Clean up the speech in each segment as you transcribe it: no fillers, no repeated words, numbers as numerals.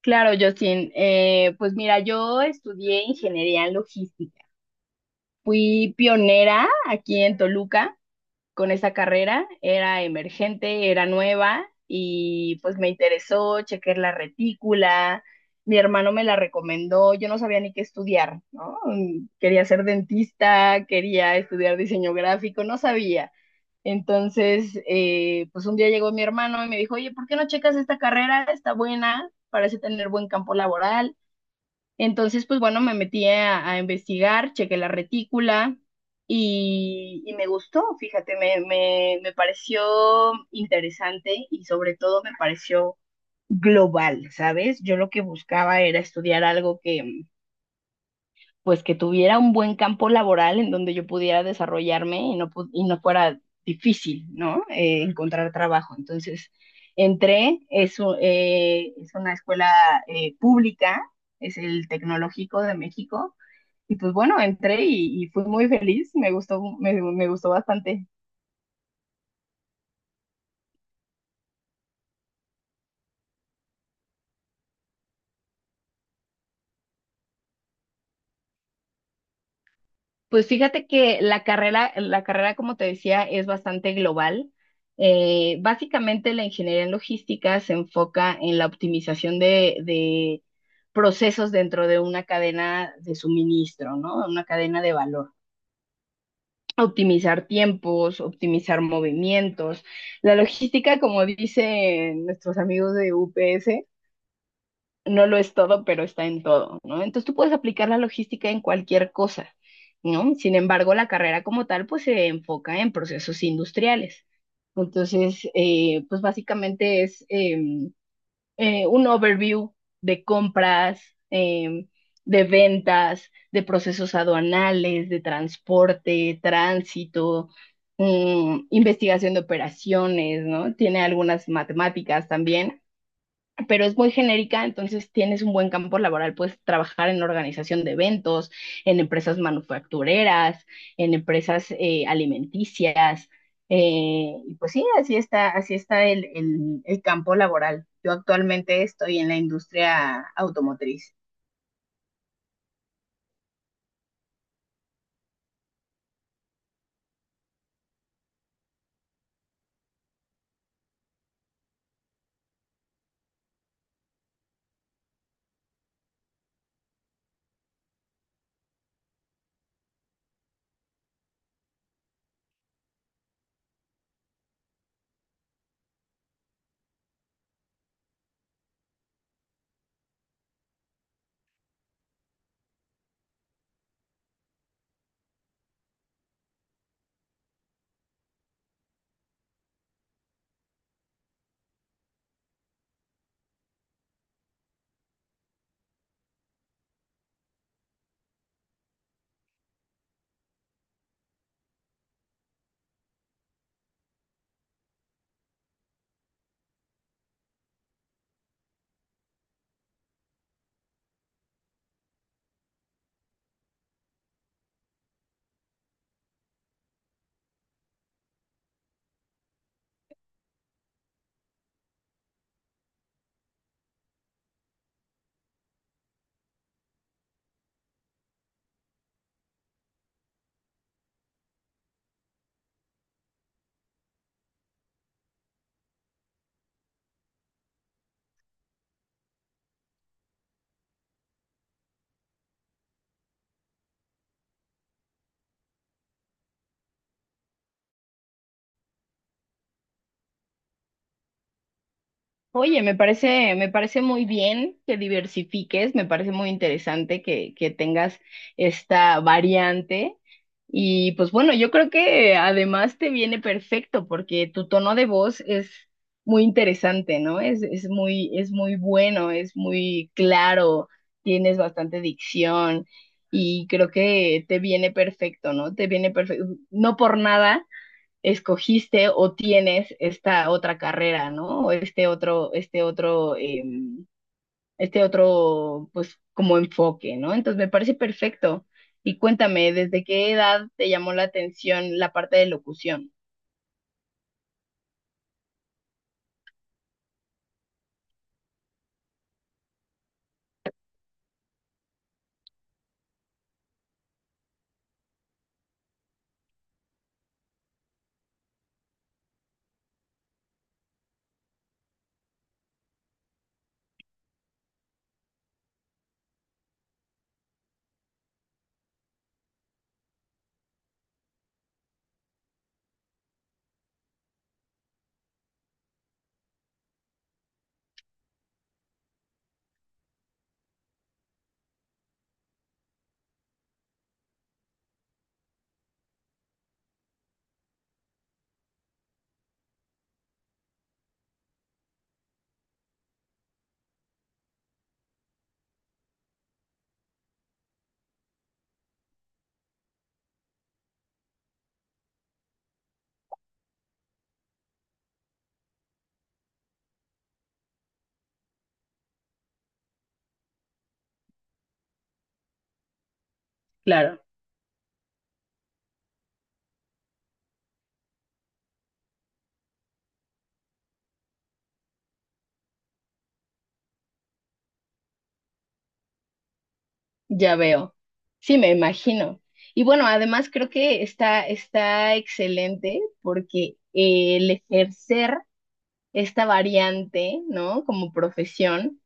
Claro, Justin. Pues mira, yo estudié ingeniería en logística. Fui pionera aquí en Toluca con esa carrera. Era emergente, era nueva y pues me interesó, chequé la retícula. Mi hermano me la recomendó. Yo no sabía ni qué estudiar, ¿no? Quería ser dentista, quería estudiar diseño gráfico, no sabía. Entonces, pues un día llegó mi hermano y me dijo, oye, ¿por qué no checas esta carrera? Está buena, parece tener buen campo laboral. Entonces, pues bueno, me metí a investigar, chequé la retícula y me gustó, fíjate, me pareció interesante y sobre todo me pareció global, ¿sabes? Yo lo que buscaba era estudiar algo que, pues que tuviera un buen campo laboral en donde yo pudiera desarrollarme y no, y no fuera difícil, ¿no? Encontrar trabajo. Entonces, entré, es una escuela pública, es el Tecnológico de México, y pues bueno, entré y fui muy feliz, me gustó, me gustó bastante. Pues fíjate que la carrera, como te decía, es bastante global. Básicamente la ingeniería en logística se enfoca en la optimización de procesos dentro de una cadena de suministro, ¿no? Una cadena de valor. Optimizar tiempos, optimizar movimientos. La logística, como dicen nuestros amigos de UPS, no lo es todo, pero está en todo, ¿no? Entonces tú puedes aplicar la logística en cualquier cosa, ¿no? Sin embargo, la carrera como tal, pues se enfoca en procesos industriales. Entonces, pues básicamente es un overview de compras, eh, de ventas, de procesos aduanales, de transporte, tránsito, investigación de operaciones, ¿no? Tiene algunas matemáticas también pero es muy genérica, entonces tienes un buen campo laboral, puedes trabajar en organización de eventos, en empresas manufactureras, en empresas alimenticias, y pues sí, así está el campo laboral. Yo actualmente estoy en la industria automotriz. Oye, me parece muy bien que diversifiques, me parece muy interesante que tengas esta variante. Y pues bueno, yo creo que además te viene perfecto porque tu tono de voz es muy interesante, ¿no? Es muy bueno, es muy claro, tienes bastante dicción y creo que te viene perfecto, ¿no? Te viene perfecto. No por nada escogiste o tienes esta otra carrera, ¿no? O este otro, pues, como enfoque, ¿no? Entonces me parece perfecto. Y cuéntame, ¿desde qué edad te llamó la atención la parte de locución? Claro. Ya veo. Sí, me imagino. Y bueno, además creo que está excelente porque el ejercer esta variante, ¿no? Como profesión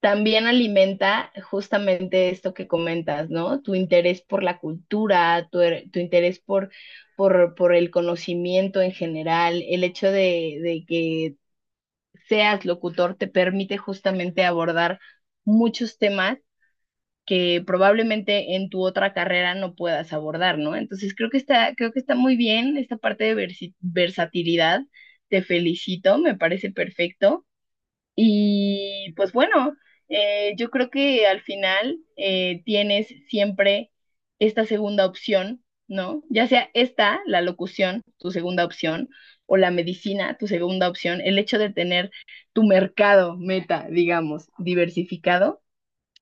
también alimenta justamente esto que comentas, ¿no? Tu interés por la cultura, tu interés por el conocimiento en general, el hecho de que seas locutor te permite justamente abordar muchos temas que probablemente en tu otra carrera no puedas abordar, ¿no? Entonces creo que está muy bien esta parte de versatilidad. Te felicito, me parece perfecto. Y pues bueno, yo creo que al final tienes siempre esta segunda opción, ¿no? Ya sea esta, la locución, tu segunda opción, o la medicina, tu segunda opción, el hecho de tener tu mercado meta, digamos, diversificado,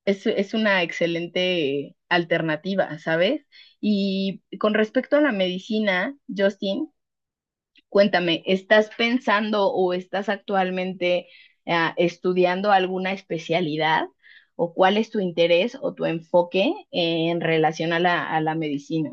es una excelente alternativa, ¿sabes? Y con respecto a la medicina, Justin, cuéntame, ¿estás pensando o estás actualmente estudiando alguna especialidad o cuál es tu interés o tu enfoque en relación a a la medicina?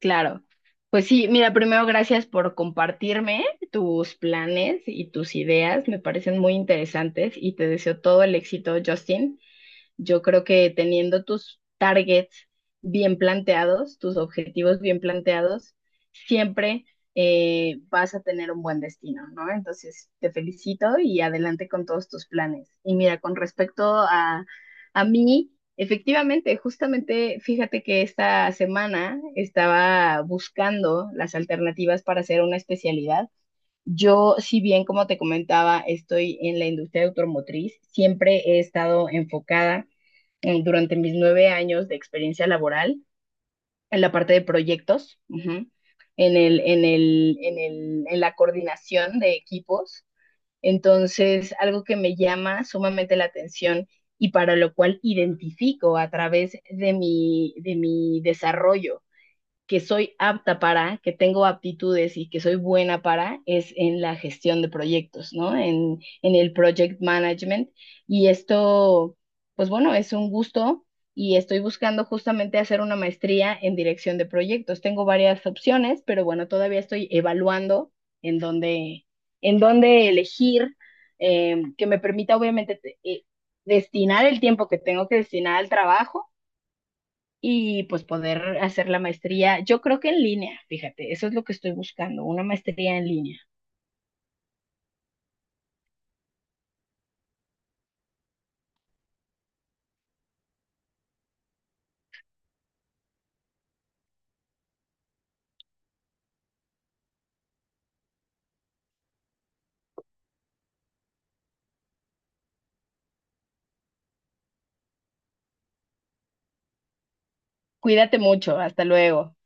Claro. Pues sí, mira, primero gracias por compartirme tus planes y tus ideas, me parecen muy interesantes y te deseo todo el éxito, Justin. Yo creo que teniendo tus targets bien planteados, tus objetivos bien planteados, siempre vas a tener un buen destino, ¿no? Entonces, te felicito y adelante con todos tus planes. Y mira, con respecto a mí, efectivamente, justamente, fíjate que esta semana estaba buscando las alternativas para hacer una especialidad. Yo, si bien, como te comentaba, estoy en la industria automotriz, siempre he estado enfocada durante mis 9 años de experiencia laboral en la parte de proyectos, ujú, en en la coordinación de equipos. Entonces, algo que me llama sumamente la atención y para lo cual identifico a través de de mi desarrollo que soy apta para, que tengo aptitudes y que soy buena para, es en la gestión de proyectos, ¿no? En el project management. Y esto, pues bueno, es un gusto y estoy buscando justamente hacer una maestría en dirección de proyectos. Tengo varias opciones, pero bueno, todavía estoy evaluando en dónde, en dónde elegir, que me permita obviamente destinar el tiempo que tengo que destinar al trabajo y pues poder hacer la maestría, yo creo que en línea, fíjate, eso es lo que estoy buscando, una maestría en línea. Cuídate mucho, hasta luego.